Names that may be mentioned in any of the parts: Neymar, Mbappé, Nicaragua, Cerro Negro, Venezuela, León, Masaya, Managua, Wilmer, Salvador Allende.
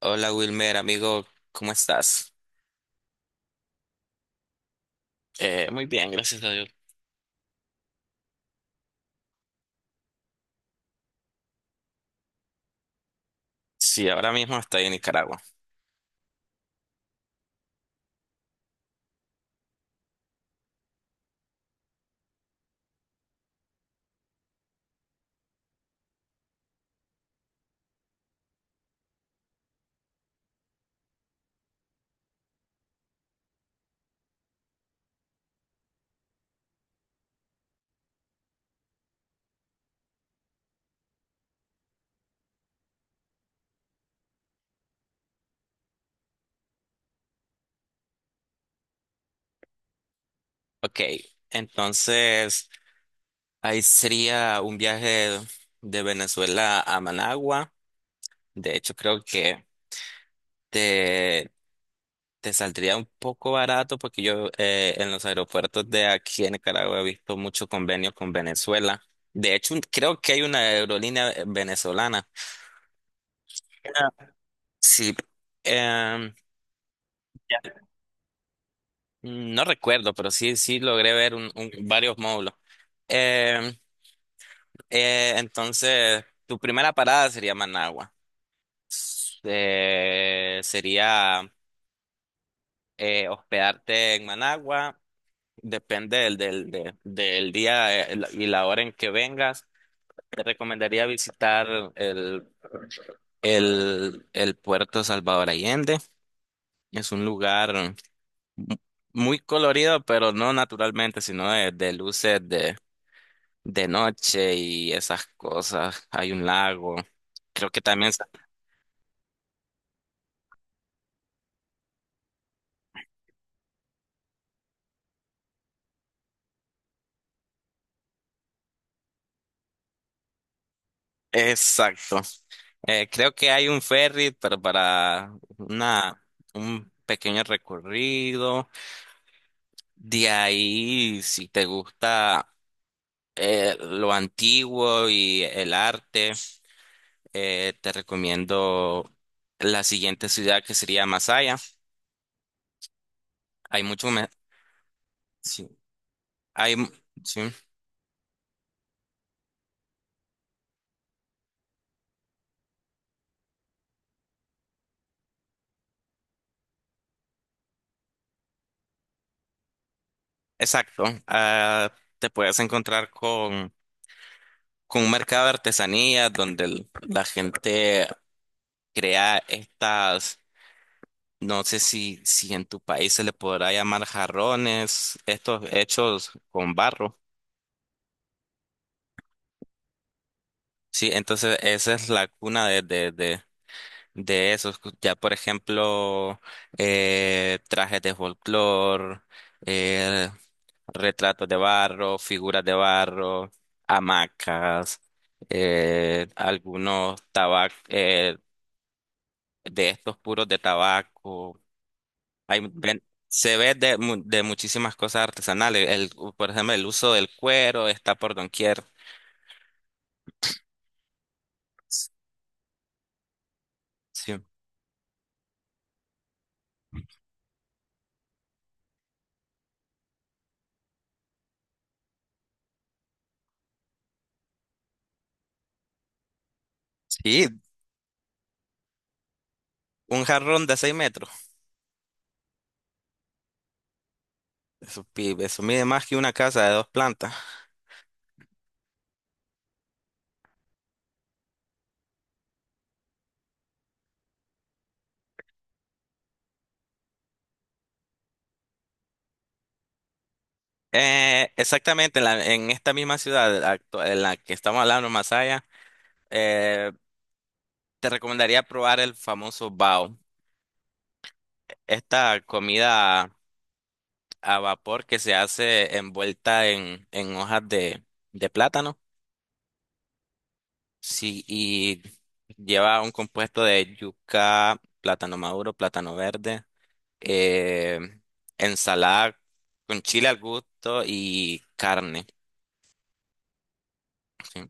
Hola Wilmer, amigo, ¿cómo estás? Muy bien, gracias a Dios. Sí, ahora mismo estoy en Nicaragua. Ok, entonces ahí sería un viaje de Venezuela a Managua. De hecho, creo que te, te saldría un poco barato porque yo en los aeropuertos de aquí en Nicaragua he visto mucho convenio con Venezuela. De hecho, creo que hay una aerolínea venezolana. Ah. Sí. em, Mm, no recuerdo, pero sí, sí logré ver varios módulos. Em, entonces, tu primera parada sería Managua. Sería hospedarte en Managua, depende del día y la hora en que vengas. Te recomendaría visitar el, el puerto Salvador Allende. Es un lugar mu- muy colorido, pero no naturalmente, sino de luces de noche y esas cosas. Hay un lago. Creo que también. Exacto. Creo que hay un ferry, pero para una, un pequeño recorrido. De ahí, si te gusta lo antiguo y el arte, te recomiendo la siguiente ciudad, que sería Masaya. Hay mucho. Sí, hay, sí, exacto. Ah, te puedes encontrar con un mercado de artesanías donde la gente crea estas, no sé si en tu país se le podrá llamar jarrones, estos hechos con barro. Sí, entonces esa es la cuna de esos. Ya, por ejemplo, trajes de folclore, eh, retratos de barro, figuras de barro, hamacas, algunos tabacos, de estos puros de tabaco. Hay, ven- Se ve de, de muchísimas cosas artesanales. Por ejemplo, el uso del cuero está por doquier. Sí. Sí, un jarrón de 6 metros. Eso mide más que una casa de dos plantas. Exactamente, en esta misma ciudad, en la que estamos hablando, Masaya, eh, te recomendaría probar el famoso bao. Esta comida a vapor que se hace envuelta en hojas de plátano. Sí, y lleva un compuesto de yuca, plátano maduro, plátano verde, eh, ensalada con chile al gusto y carne, sí.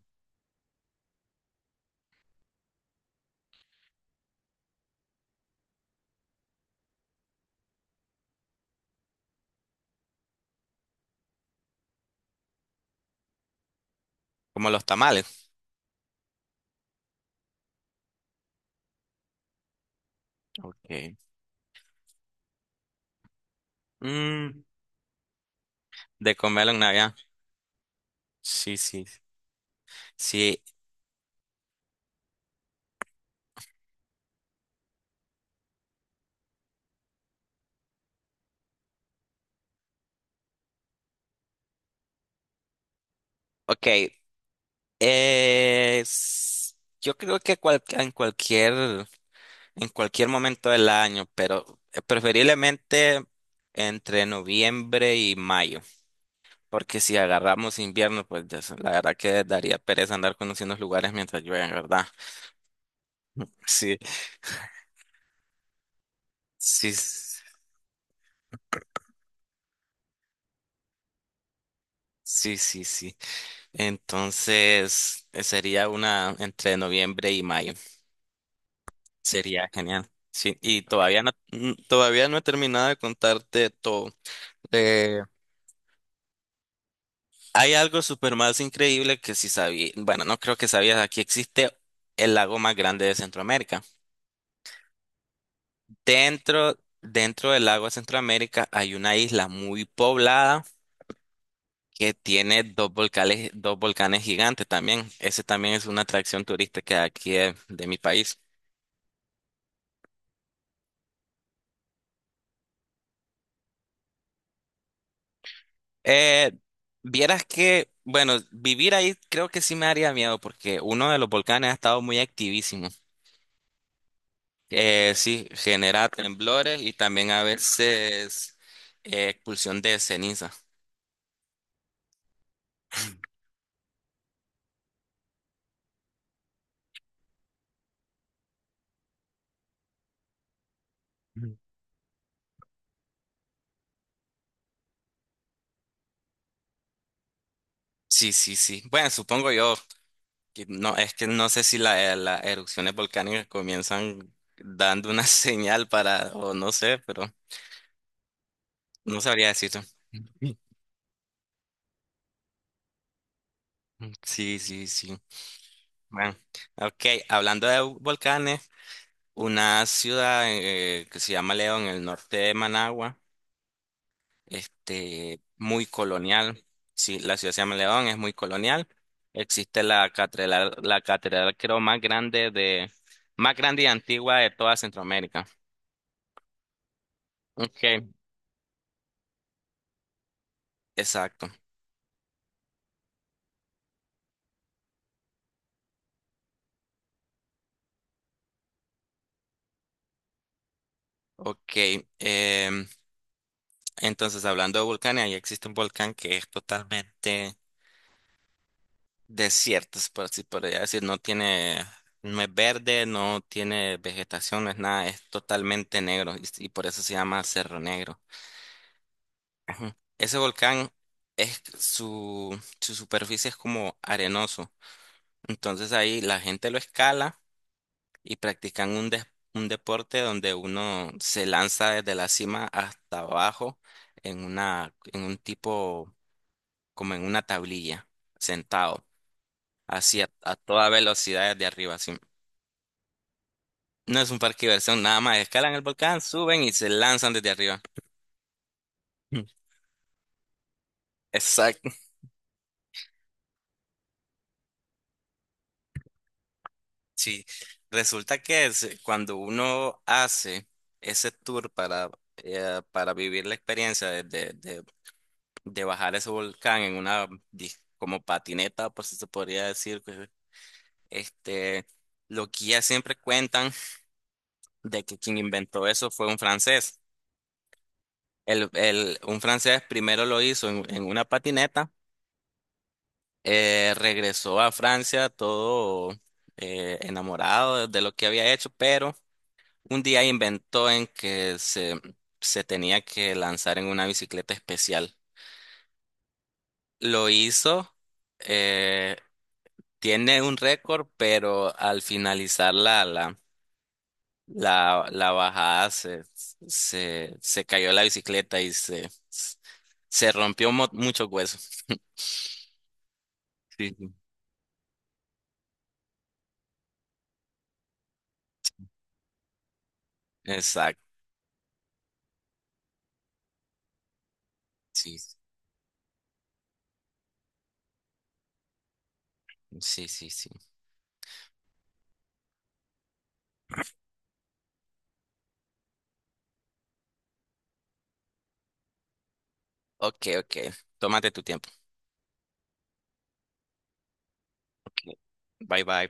Como los tamales. Okay. Mm, de comerlo en Navidad. Sí, sí, sí. Ok. eh, s- yo creo que en cualquier momento del año, pero preferiblemente entre noviembre y mayo. Porque si agarramos invierno, pues ya sé, la verdad que daría pereza andar conociendo los lugares mientras llueve, ¿verdad? Sí, sí, sí, sí, sí. Entonces, sería una entre noviembre y mayo. Sería genial. Sí, y todavía no he terminado de contarte todo. Eh, Hay algo súper más increíble, que si sabía, bueno, no creo que sabías, aquí existe el lago más grande de Centroamérica. Dentro, dentro del lago de Centroamérica hay una isla muy poblada que tiene dos volcanes gigantes también. Ese también es una atracción turística aquí de mi país. Eh, Vieras que, bueno, vivir ahí creo que sí me haría miedo, porque uno de los volcanes ha estado muy activísimo. Sí, genera temblores y también a veces expulsión de ceniza. Sí, sí, sí. Bueno, supongo yo, que no, es que no sé si las erupciones volcánicas comienzan dando una señal, para, o no sé, pero no sabría decirlo. Sí, sí, sí. Bueno, ok, hablando de volcanes, una ciudad que se llama León, en el norte de Managua, muy colonial. Sí, la ciudad se llama León, es muy colonial. Existe la catedral creo más grande más grande y antigua de toda Centroamérica. Ok, exacto. Ok, em, entonces, hablando de volcanes, ahí existe un volcán que es totalmente desierto, por así podría decir, no tiene, no es verde, no tiene vegetación, no es nada, es totalmente negro, y por eso se llama Cerro Negro. Ajá. Ese volcán es su superficie es como arenoso, entonces ahí la gente lo escala y practican un deporte donde uno se lanza desde la cima hasta abajo en un tipo, como en una tablilla, sentado, así a toda velocidad desde arriba, así. No es un parque de diversión, nada más escalan el volcán, suben y se lanzan desde arriba. Mm. Exacto. Sí. Resulta que cuando uno hace ese tour para, para vivir la experiencia de bajar ese volcán en una como patineta, por si se podría decir, que, este, lo que ya siempre cuentan de que quien inventó eso fue un francés. Un francés primero lo hizo en una patineta, regresó a Francia todo enamorado de lo que había hecho, pero un día inventó en que se tenía que lanzar en una bicicleta especial. Lo hizo. eh, Tiene un récord, pero al finalizar la bajada se cayó la bicicleta y se rompió muchos huesos. Sí, sí. Exacto. Sí, sí, sí, sí. Ok, ok. Tómate tu tiempo. Bye, bye.